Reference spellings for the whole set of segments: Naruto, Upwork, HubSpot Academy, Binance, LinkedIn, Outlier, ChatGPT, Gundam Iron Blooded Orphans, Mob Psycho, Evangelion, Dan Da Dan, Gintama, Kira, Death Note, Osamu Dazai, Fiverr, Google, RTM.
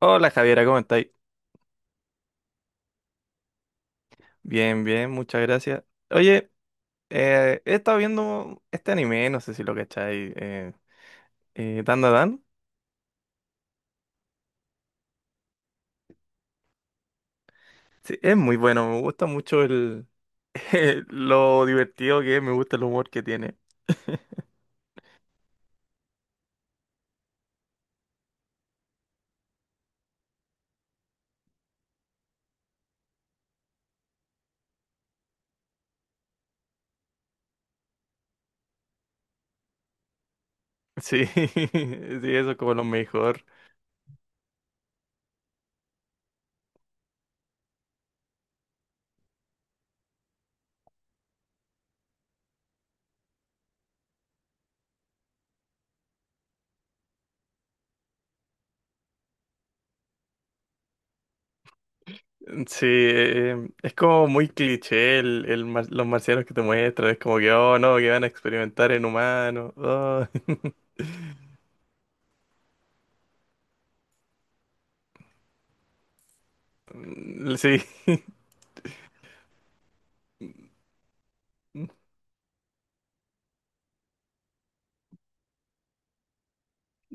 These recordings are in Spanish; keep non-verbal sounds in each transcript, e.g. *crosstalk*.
Hola Javiera, ¿cómo estáis? Bien, bien, muchas gracias. Oye, he estado viendo este anime, no sé si lo cacháis, Dan Da Dan. Sí, es muy bueno, me gusta mucho *laughs* lo divertido que es, me gusta el humor que tiene. Sí, *laughs* sí, eso es como lo mejor. Sí, es como muy cliché los marcianos que te muestran, es como que, oh no, que van a experimentar en humanos. Oh. *laughs* Sí,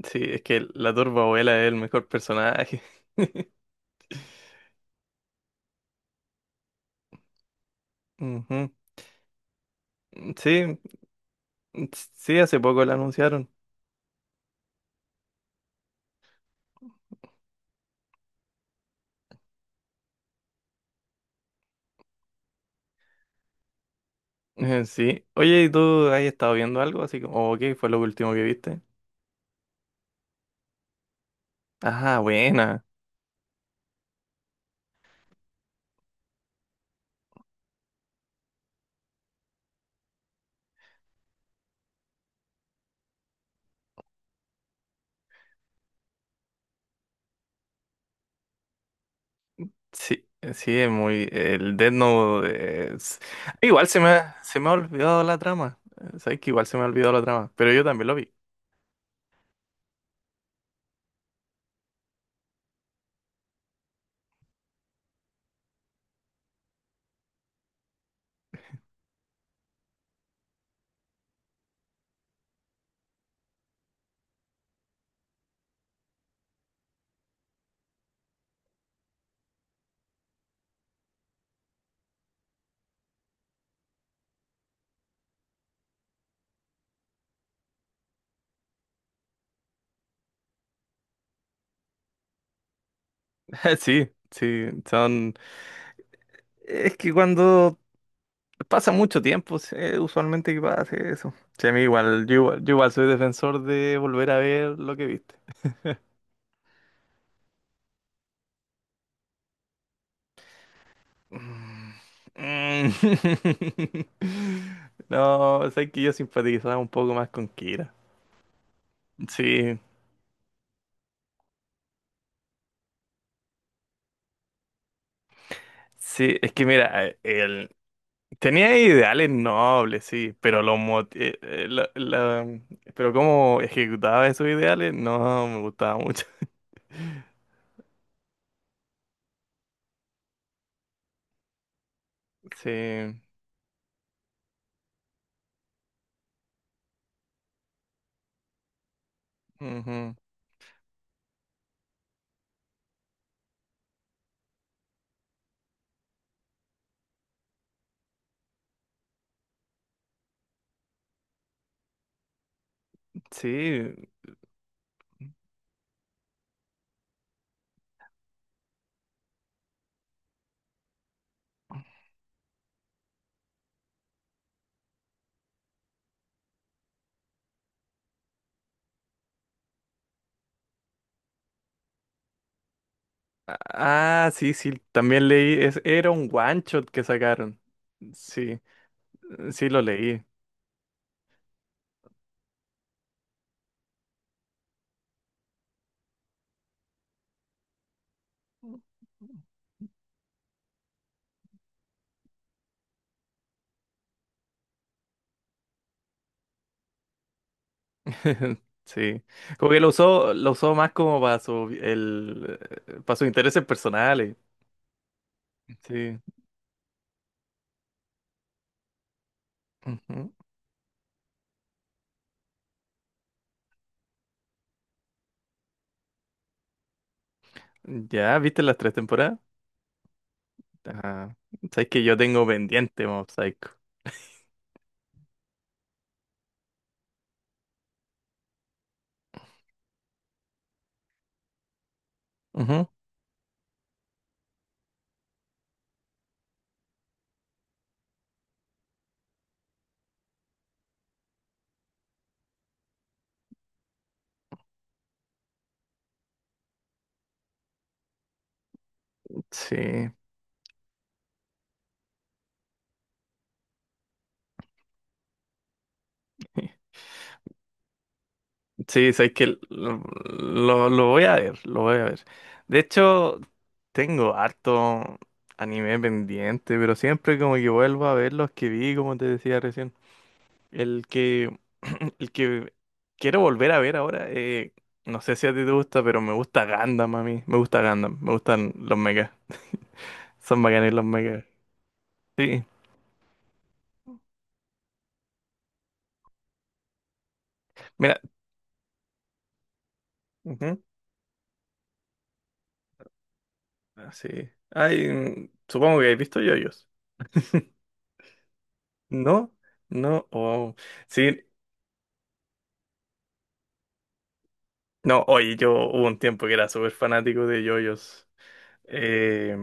sí, es que la turba abuela es el mejor personaje. Ujú. Sí, sí, hace poco la anunciaron. *laughs* Sí. Oye, ¿y tú has estado viendo algo? Así como, o ¿qué fue lo último que viste? Ajá, buena. Sí, sí, es muy. El Death Note. Igual se me ha olvidado la trama. Sabes que igual se me ha olvidado la trama, pero yo también lo vi. *laughs* Sí, sí, son. Es que cuando pasa mucho tiempo, usualmente que pasa eso. Sí, a mí igual, yo igual soy defensor de volver a ver lo que viste. Mm, mm. *laughs* No, sé que yo simpatizaba un poco más con Kira. Sí, sí, es que mira, él tenía ideales nobles, sí, pero los mot- la- la- pero cómo ejecutaba esos ideales no me gustaba mucho. *laughs* Sí. Ujú, sí. Ah, sí, sí, también leí. Era un one shot que sacaron. Sí, sí lo leí. *laughs* Sí. Como que lo usó más como para su el para sus intereses personales. Sí. Ujú. Ya, ¿viste las tres temporadas? Ajá. Sabes que yo tengo pendiente Mob Psycho. Ujú. Sí. *laughs* Sí, sabes que lo voy a ver, lo voy a ver. De hecho, tengo harto anime pendiente, pero siempre como que vuelvo a ver los que vi, como te decía recién. El que, *clears throat* el que quiero volver a ver ahora, no sé si a ti te gusta, pero me gusta Gundam a mí. Me gusta Gundam, me gustan los megas. Son bacanes los megas. Sí, mira. Ujú, ah, sí. Ay, supongo que habéis visto yoyos. ¿No? No, wow. Sí, no, oye, yo hubo un tiempo que era súper fanático de yoyos. Eh,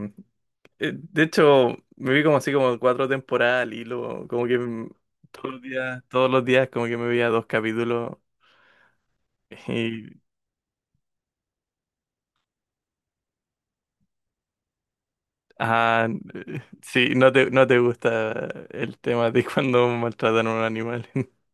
de hecho, me vi como así como cuatro temporadas al hilo, como que todos los días como que me veía dos capítulos y, ah, sí, no te gusta el tema de cuando maltratan a un animal. *laughs*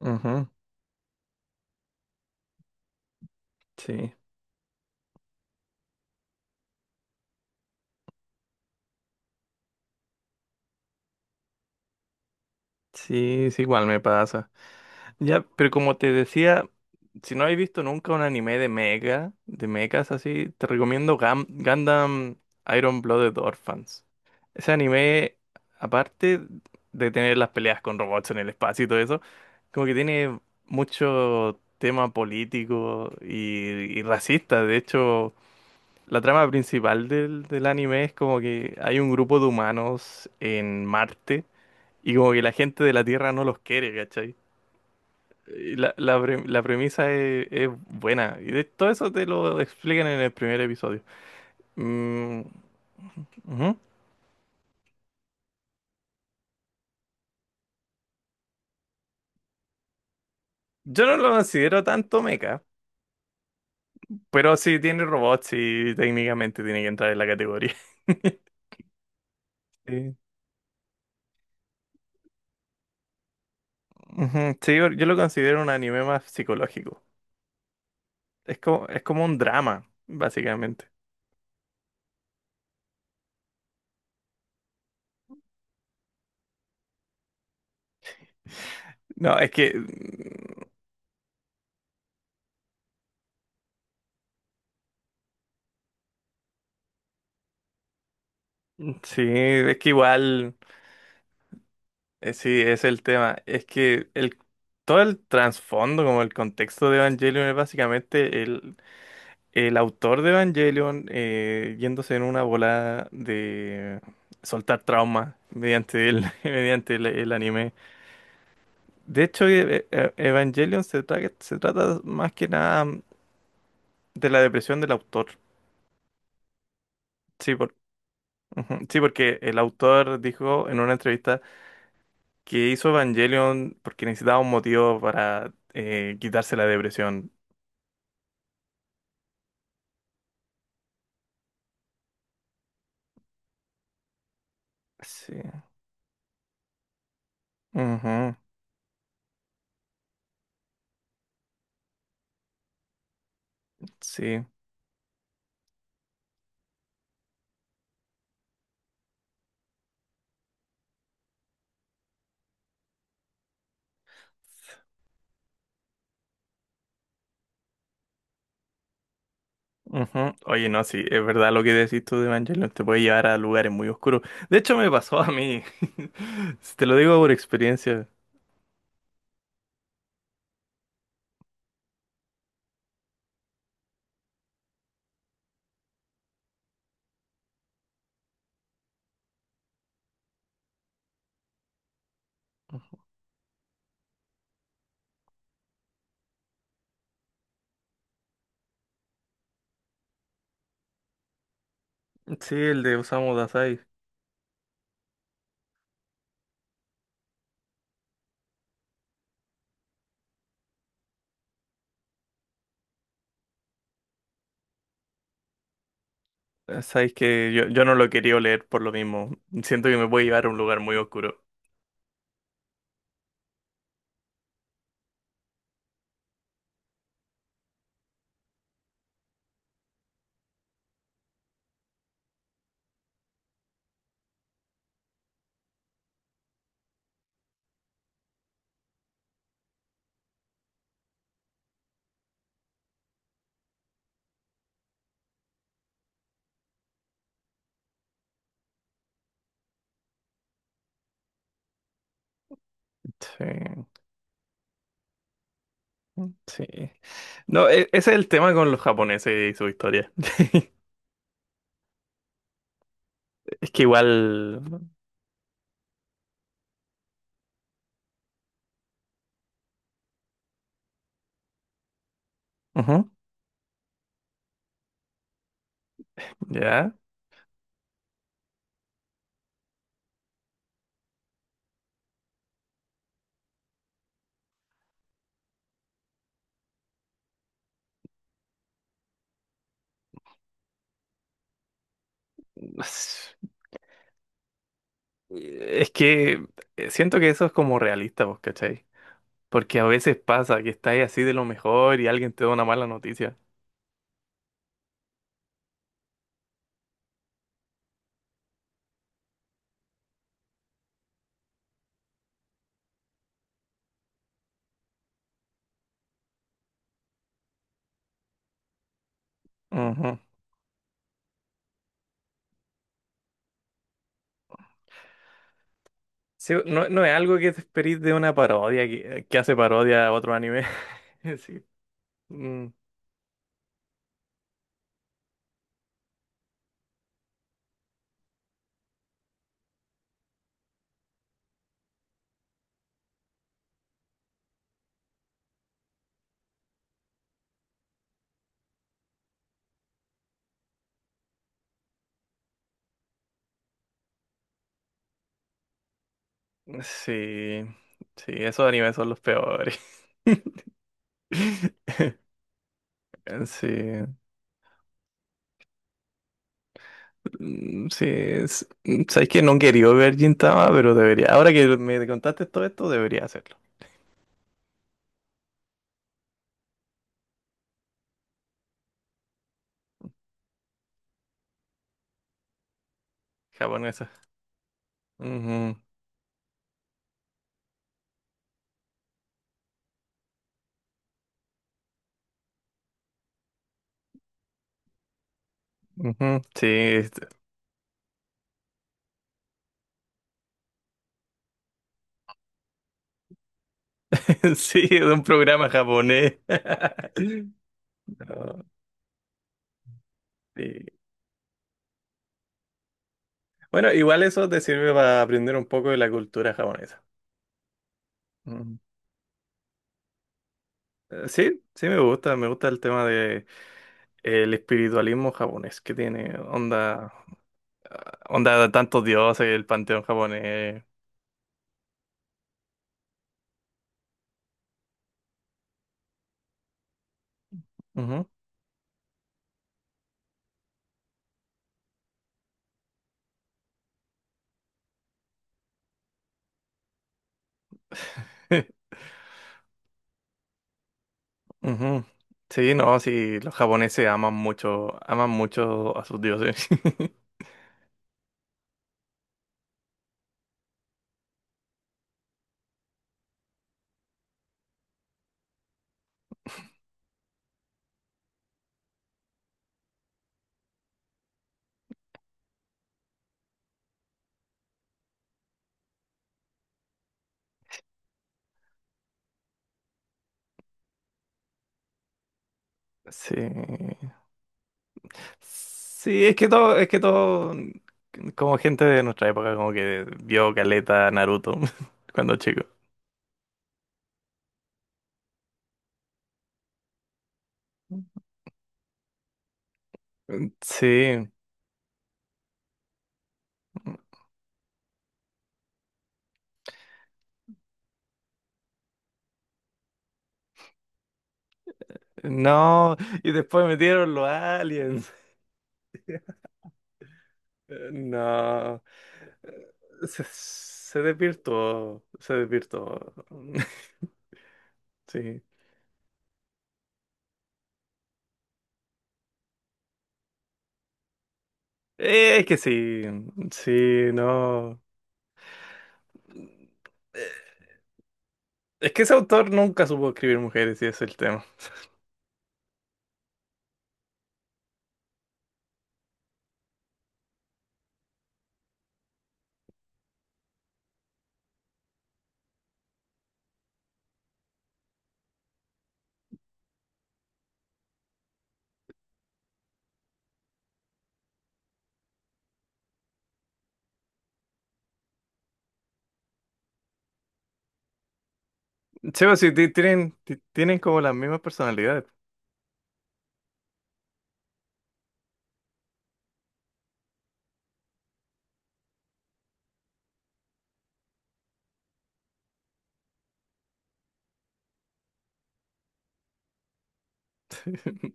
Ujú, sí, sí, sí, igual me pasa. Ya, pero como te decía, si no habéis visto nunca un anime de mecha, de mechas así, te recomiendo Gundam Iron Blooded Orphans. Ese anime, aparte de tener las peleas con robots en el espacio y todo eso, como que tiene mucho tema político y racista. De hecho, la trama principal del anime es como que hay un grupo de humanos en Marte y como que la gente de la Tierra no los quiere, ¿cachai? Y la premisa es buena. Y de todo eso te lo explican en el primer episodio. Mm, ujú. Yo no lo considero tanto mecha, pero sí tiene robots y técnicamente tiene que entrar en la categoría. *laughs* Sí. Ujú. Sí, yo lo considero un anime más psicológico. Es como un drama, básicamente. No, es que sí, es que igual, sí, es el tema. Es que el todo el trasfondo, como el contexto de Evangelion es básicamente el autor de Evangelion yéndose en una bola de soltar trauma *laughs* mediante el anime. De hecho, Evangelion se trata más que nada de la depresión del autor. Sí, ujú. Sí, porque el autor dijo en una entrevista que hizo Evangelion porque necesitaba un motivo para quitarse la depresión. Sí. Ujú. Sí. Ujú. Oye, no, sí, es verdad lo que decís tú de Evangelion, te puede llevar a lugares muy oscuros. De hecho, me pasó a mí, *laughs* si te lo digo por experiencia. Sí, el de Osamu Dazai. Sabes que yo no lo quería leer por lo mismo. Siento que me puede llevar a un lugar muy oscuro. Sí, sí. No, ese es el tema con los japoneses y su historia. *laughs* Es que igual. Ujú, ya. Es que siento que eso es como realista, ¿vos cachai? Porque a veces pasa que estás así de lo mejor y alguien te da una mala noticia. Ujú. Sí, no, no es algo que te esperís de una parodia que hace parodia a otro anime. *laughs* Sí. Mm, sí. Sí, esos animes son los peores. *laughs* Sí. Mm, sí. Sabes que no quería ver Gintama, pero debería. Ahora que me contaste todo esto, debería hacerlo. Japonesa. Ujú, ujú, sí, *laughs* sí, es un programa japonés. *laughs* Sí. Bueno, igual eso te sirve para aprender un poco de la cultura japonesa. Mm. Sí, sí me gusta el tema de el espiritualismo japonés que tiene onda de tantos dioses, el panteón japonés. Ujú. *laughs* Ujú. Sí, no, sí, los japoneses aman mucho a sus dioses. *laughs* Sí. Sí, es que todo, como gente de nuestra época, como que vio Caleta, Naruto, *laughs* cuando chico. Sí. No, y después metieron los aliens. No. Se desvirtuó, se desvirtuó. *laughs* Sí. Es que sí, sí, no. Es que ese autor nunca supo escribir mujeres y ese es el tema. Sí, o sí, tienen como las mismas personalidades. *laughs*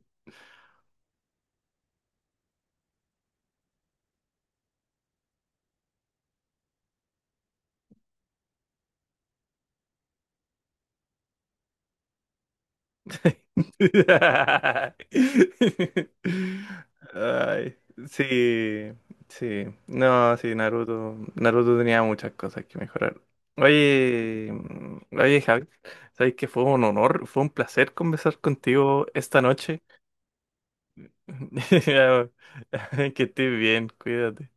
*laughs* Ay, sí, sí. No, sí, Naruto. Naruto tenía muchas cosas que mejorar. Oye, Javi, sabes que fue un honor, fue un placer conversar contigo esta noche. *laughs* Que estés bien, cuídate.